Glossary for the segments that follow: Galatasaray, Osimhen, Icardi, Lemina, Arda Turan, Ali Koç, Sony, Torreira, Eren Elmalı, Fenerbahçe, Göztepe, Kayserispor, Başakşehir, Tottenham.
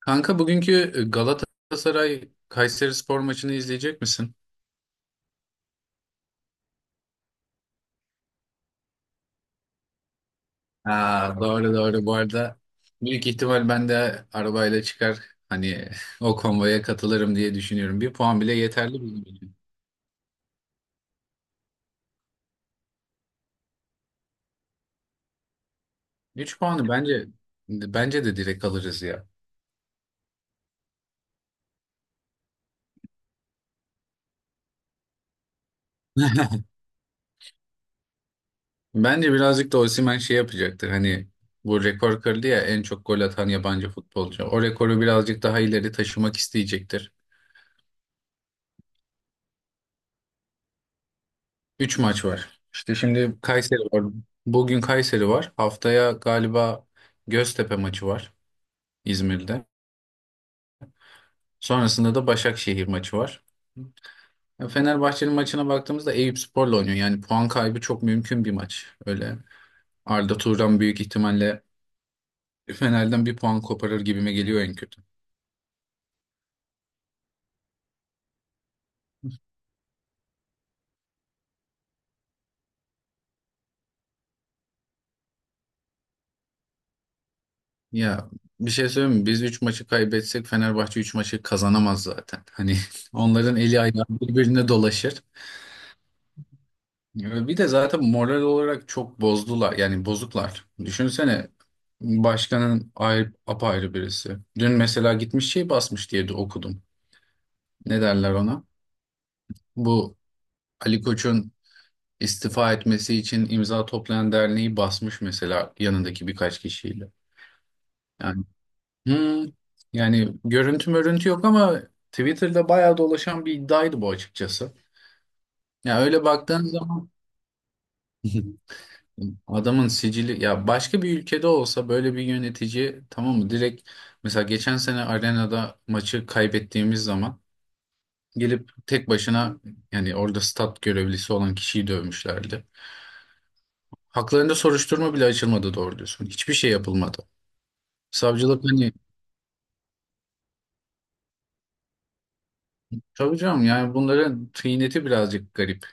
Kanka bugünkü Galatasaray Kayserispor maçını izleyecek misin? Ha, Doğru doğru bu arada, büyük ihtimal ben de arabayla çıkar, hani o konvoya katılırım diye düşünüyorum. Bir puan bile yeterli bizim için. Üç puanı bence de direkt alırız ya. Bence birazcık da Osimhen yapacaktır, hani bu rekor kırdı ya, en çok gol atan yabancı futbolcu. O rekoru birazcık daha ileri taşımak isteyecektir. 3 maç var. İşte şimdi Kayseri var. Bugün Kayseri var. Haftaya galiba Göztepe maçı var, İzmir'de. Sonrasında da Başakşehir maçı var. Ya, Fenerbahçe'nin maçına baktığımızda Eyüpspor'la oynuyor. Yani puan kaybı çok mümkün bir maç. Öyle Arda Turan büyük ihtimalle Fener'den bir puan koparır gibime geliyor en kötü. Ya bir şey söyleyeyim mi? Biz 3 maçı kaybetsek Fenerbahçe 3 maçı kazanamaz zaten. Hani onların eli ayağı birbirine dolaşır. Ya, bir de zaten moral olarak çok bozdular. Yani bozuklar. Düşünsene, başkanın ayrı, apayrı birisi. Dün mesela gitmiş basmış diye de okudum. Ne derler ona? Bu Ali Koç'un istifa etmesi için imza toplayan derneği basmış mesela, yanındaki birkaç kişiyle. Yani hmm, yani görüntü mörüntü yok ama Twitter'da bayağı dolaşan bir iddiaydı bu, açıkçası. Ya öyle baktığın zaman adamın sicili, ya başka bir ülkede olsa böyle bir yönetici, tamam mı, direkt. Mesela geçen sene arenada maçı kaybettiğimiz zaman gelip tek başına, yani orada stat görevlisi olan kişiyi dövmüşlerdi. Haklarında soruşturma bile açılmadı, doğru diyorsun. Hiçbir şey yapılmadı. Savcılık hani, tabii canım, yani bunların tıyneti birazcık garip.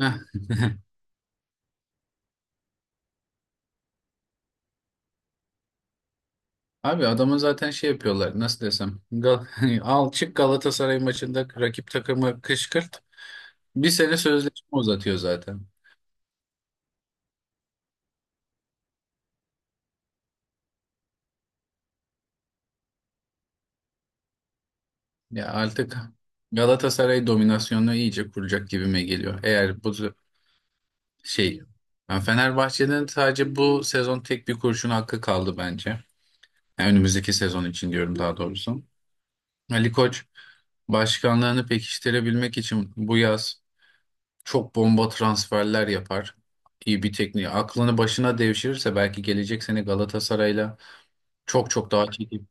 Heh. Abi adamın zaten yapıyorlar, nasıl desem, al çık, Galatasaray maçında rakip takımı kışkırt, bir sene sözleşme uzatıyor zaten. Ya artık Galatasaray dominasyonunu iyice kuracak gibime geliyor. Eğer bu z- şey yani Fenerbahçe'nin sadece bu sezon tek bir kurşun hakkı kaldı bence. Yani önümüzdeki sezon için diyorum, daha doğrusu. Ali Koç başkanlığını pekiştirebilmek için bu yaz çok bomba transferler yapar. İyi bir tekniği. Aklını başına devşirirse belki gelecek sene Galatasaray'la çok daha çekip.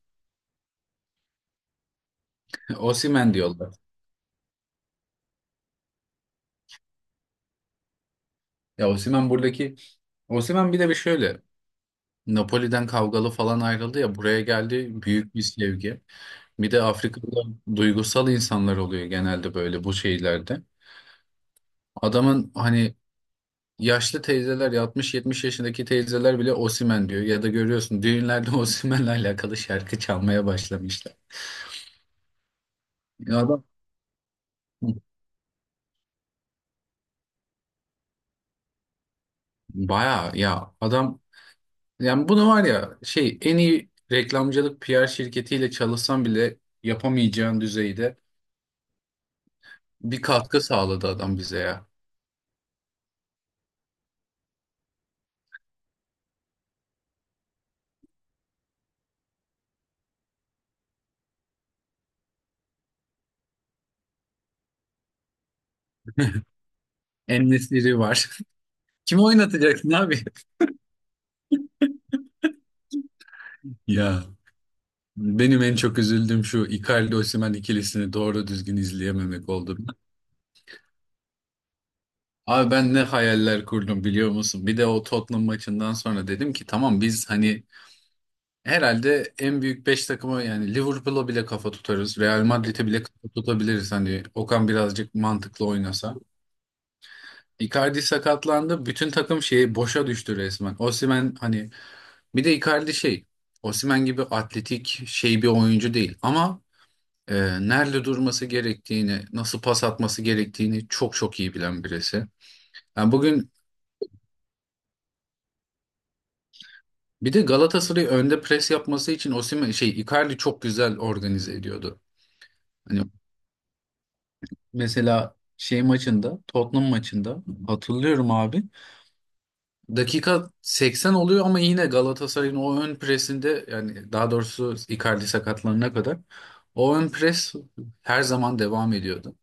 Osimhen diyorlar. Ya Osimhen buradaki Osimhen bir de bir şöyle. Napoli'den kavgalı falan ayrıldı ya, buraya geldi büyük bir sevgi. Bir de Afrika'da duygusal insanlar oluyor genelde, böyle bu şeylerde. Adamın hani yaşlı teyzeler, 60-70 yaşındaki teyzeler bile Osimhen diyor ya da görüyorsun düğünlerde Osimhen'le alakalı şarkı çalmaya başlamışlar. Ya adam baya ya adam yani bunu, var ya, en iyi reklamcılık PR şirketiyle çalışsam bile yapamayacağın düzeyde bir katkı sağladı adam bize ya. En var. Kim oynatacaksın abi? Ya benim en çok üzüldüğüm şu Icardi Osimhen ikilisini doğru düzgün izleyememek oldu. Abi ben ne hayaller kurdum biliyor musun? Bir de o Tottenham maçından sonra dedim ki tamam, biz hani herhalde en büyük 5 takıma, yani Liverpool'a bile kafa tutarız. Real Madrid'e bile kafa tutabiliriz hani Okan birazcık mantıklı oynasa. Icardi sakatlandı. Bütün takım şeyi boşa düştü resmen. Osimhen hani, bir de Icardi Osimhen gibi atletik bir oyuncu değil ama e, nerede durması gerektiğini, nasıl pas atması gerektiğini çok çok iyi bilen birisi. Yani bugün bir de Galatasaray'ı önde pres yapması için Osimhen şey Icardi çok güzel organize ediyordu. Hani mesela Tottenham maçında hatırlıyorum abi. Dakika 80 oluyor ama yine Galatasaray'ın o ön presinde, yani daha doğrusu Icardi sakatlanana kadar, o ön pres her zaman devam ediyordu.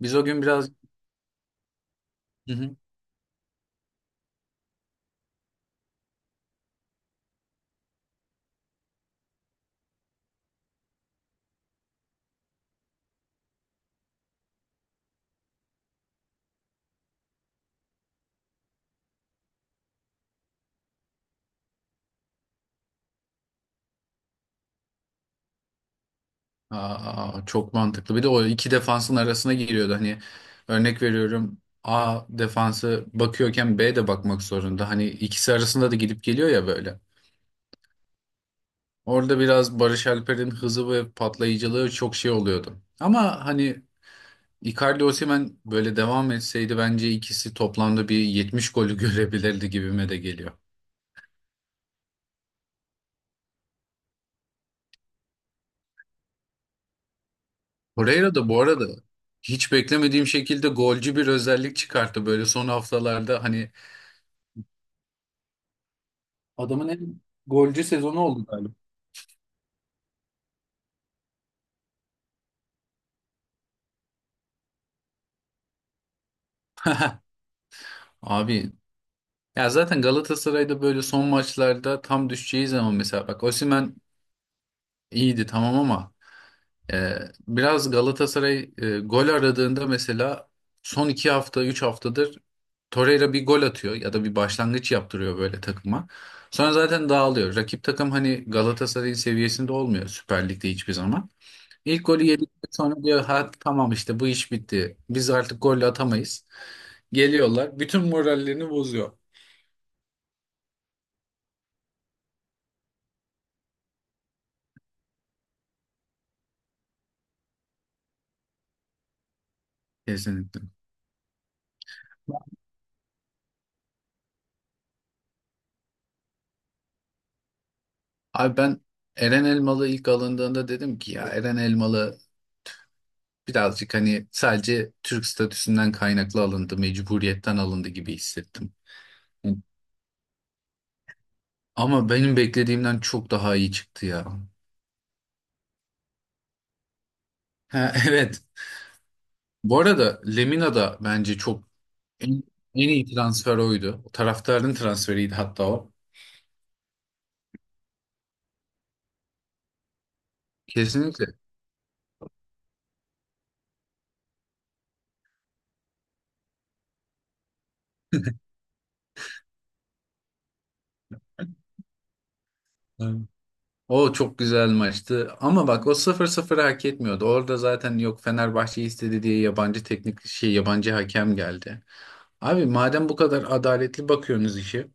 Biz o gün biraz. Aa, çok mantıklı. Bir de o iki defansın arasına giriyordu. Hani örnek veriyorum, A defansı bakıyorken B de bakmak zorunda. Hani ikisi arasında da gidip geliyor ya böyle. Orada biraz Barış Alper'in hızı ve patlayıcılığı çok oluyordu. Ama hani Icardi Osimhen böyle devam etseydi bence ikisi toplamda bir 70 golü görebilirdi gibime de geliyor. Torreira da bu arada hiç beklemediğim şekilde golcü bir özellik çıkarttı böyle son haftalarda, hani adamın en golcü sezonu oldu galiba. Abi ya zaten Galatasaray'da böyle son maçlarda tam düşeceği zaman, mesela bak Osimhen iyiydi tamam ama e, biraz Galatasaray gol aradığında mesela son iki hafta üç haftadır Torreira bir gol atıyor ya da bir başlangıç yaptırıyor böyle takıma. Sonra zaten dağılıyor. Rakip takım hani Galatasaray'ın seviyesinde olmuyor Süper Lig'de hiçbir zaman. İlk golü yedikten sonra diyor ha tamam, işte bu iş bitti. Biz artık gol atamayız. Geliyorlar. Bütün morallerini bozuyor. Kesinlikle. Abi ben, Eren Elmalı ilk alındığında dedim ki ya Eren Elmalı birazcık hani sadece Türk statüsünden kaynaklı alındı, mecburiyetten alındı gibi hissettim. Ama benim beklediğimden çok daha iyi çıktı ya. Ha, evet. Bu arada Lemina da bence çok, en, en iyi transfer oydu. Taraftarın transferiydi hatta o. Kesinlikle. O çok güzel maçtı. Ama bak o sıfır 0 hak etmiyordu. Orada zaten, yok Fenerbahçe istedi diye yabancı teknik şey yabancı hakem geldi. Abi madem bu kadar adaletli bakıyorsunuz işi,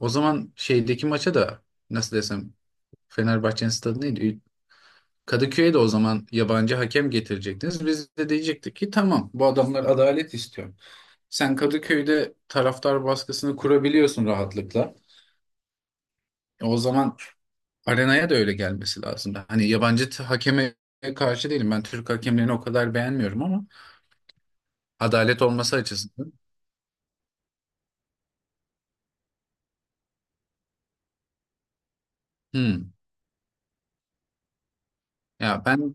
o zaman şeydeki maça da, nasıl desem, Fenerbahçe'nin stadı neydi? Kadıköy'e de o zaman yabancı hakem getirecektiniz. Biz de diyecektik ki tamam, bu adamlar adalet istiyor. Sen Kadıköy'de taraftar baskısını kurabiliyorsun rahatlıkla. E, o zaman arenaya da öyle gelmesi lazım. Hani hakeme karşı değilim. Ben Türk hakemlerini o kadar beğenmiyorum ama adalet olması açısından. Hmm. Ya ben.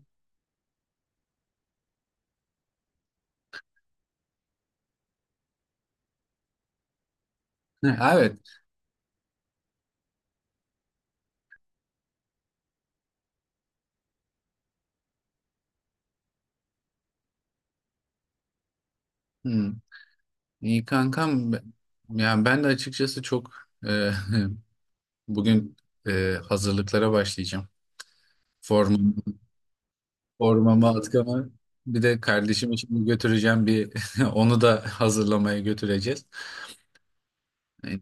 Hı, evet. Hmm. İyi kankam. Yani ben de açıkçası çok, e, bugün hazırlıklara başlayacağım. Formam, formama, atkama. Bir de kardeşim için götüreceğim bir, onu da hazırlamaya götüreceğiz. Hani,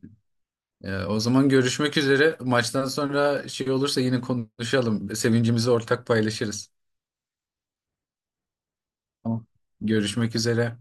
O zaman görüşmek üzere. Maçtan sonra şey olursa yine konuşalım. Sevincimizi ortak paylaşırız. Tamam. Görüşmek üzere.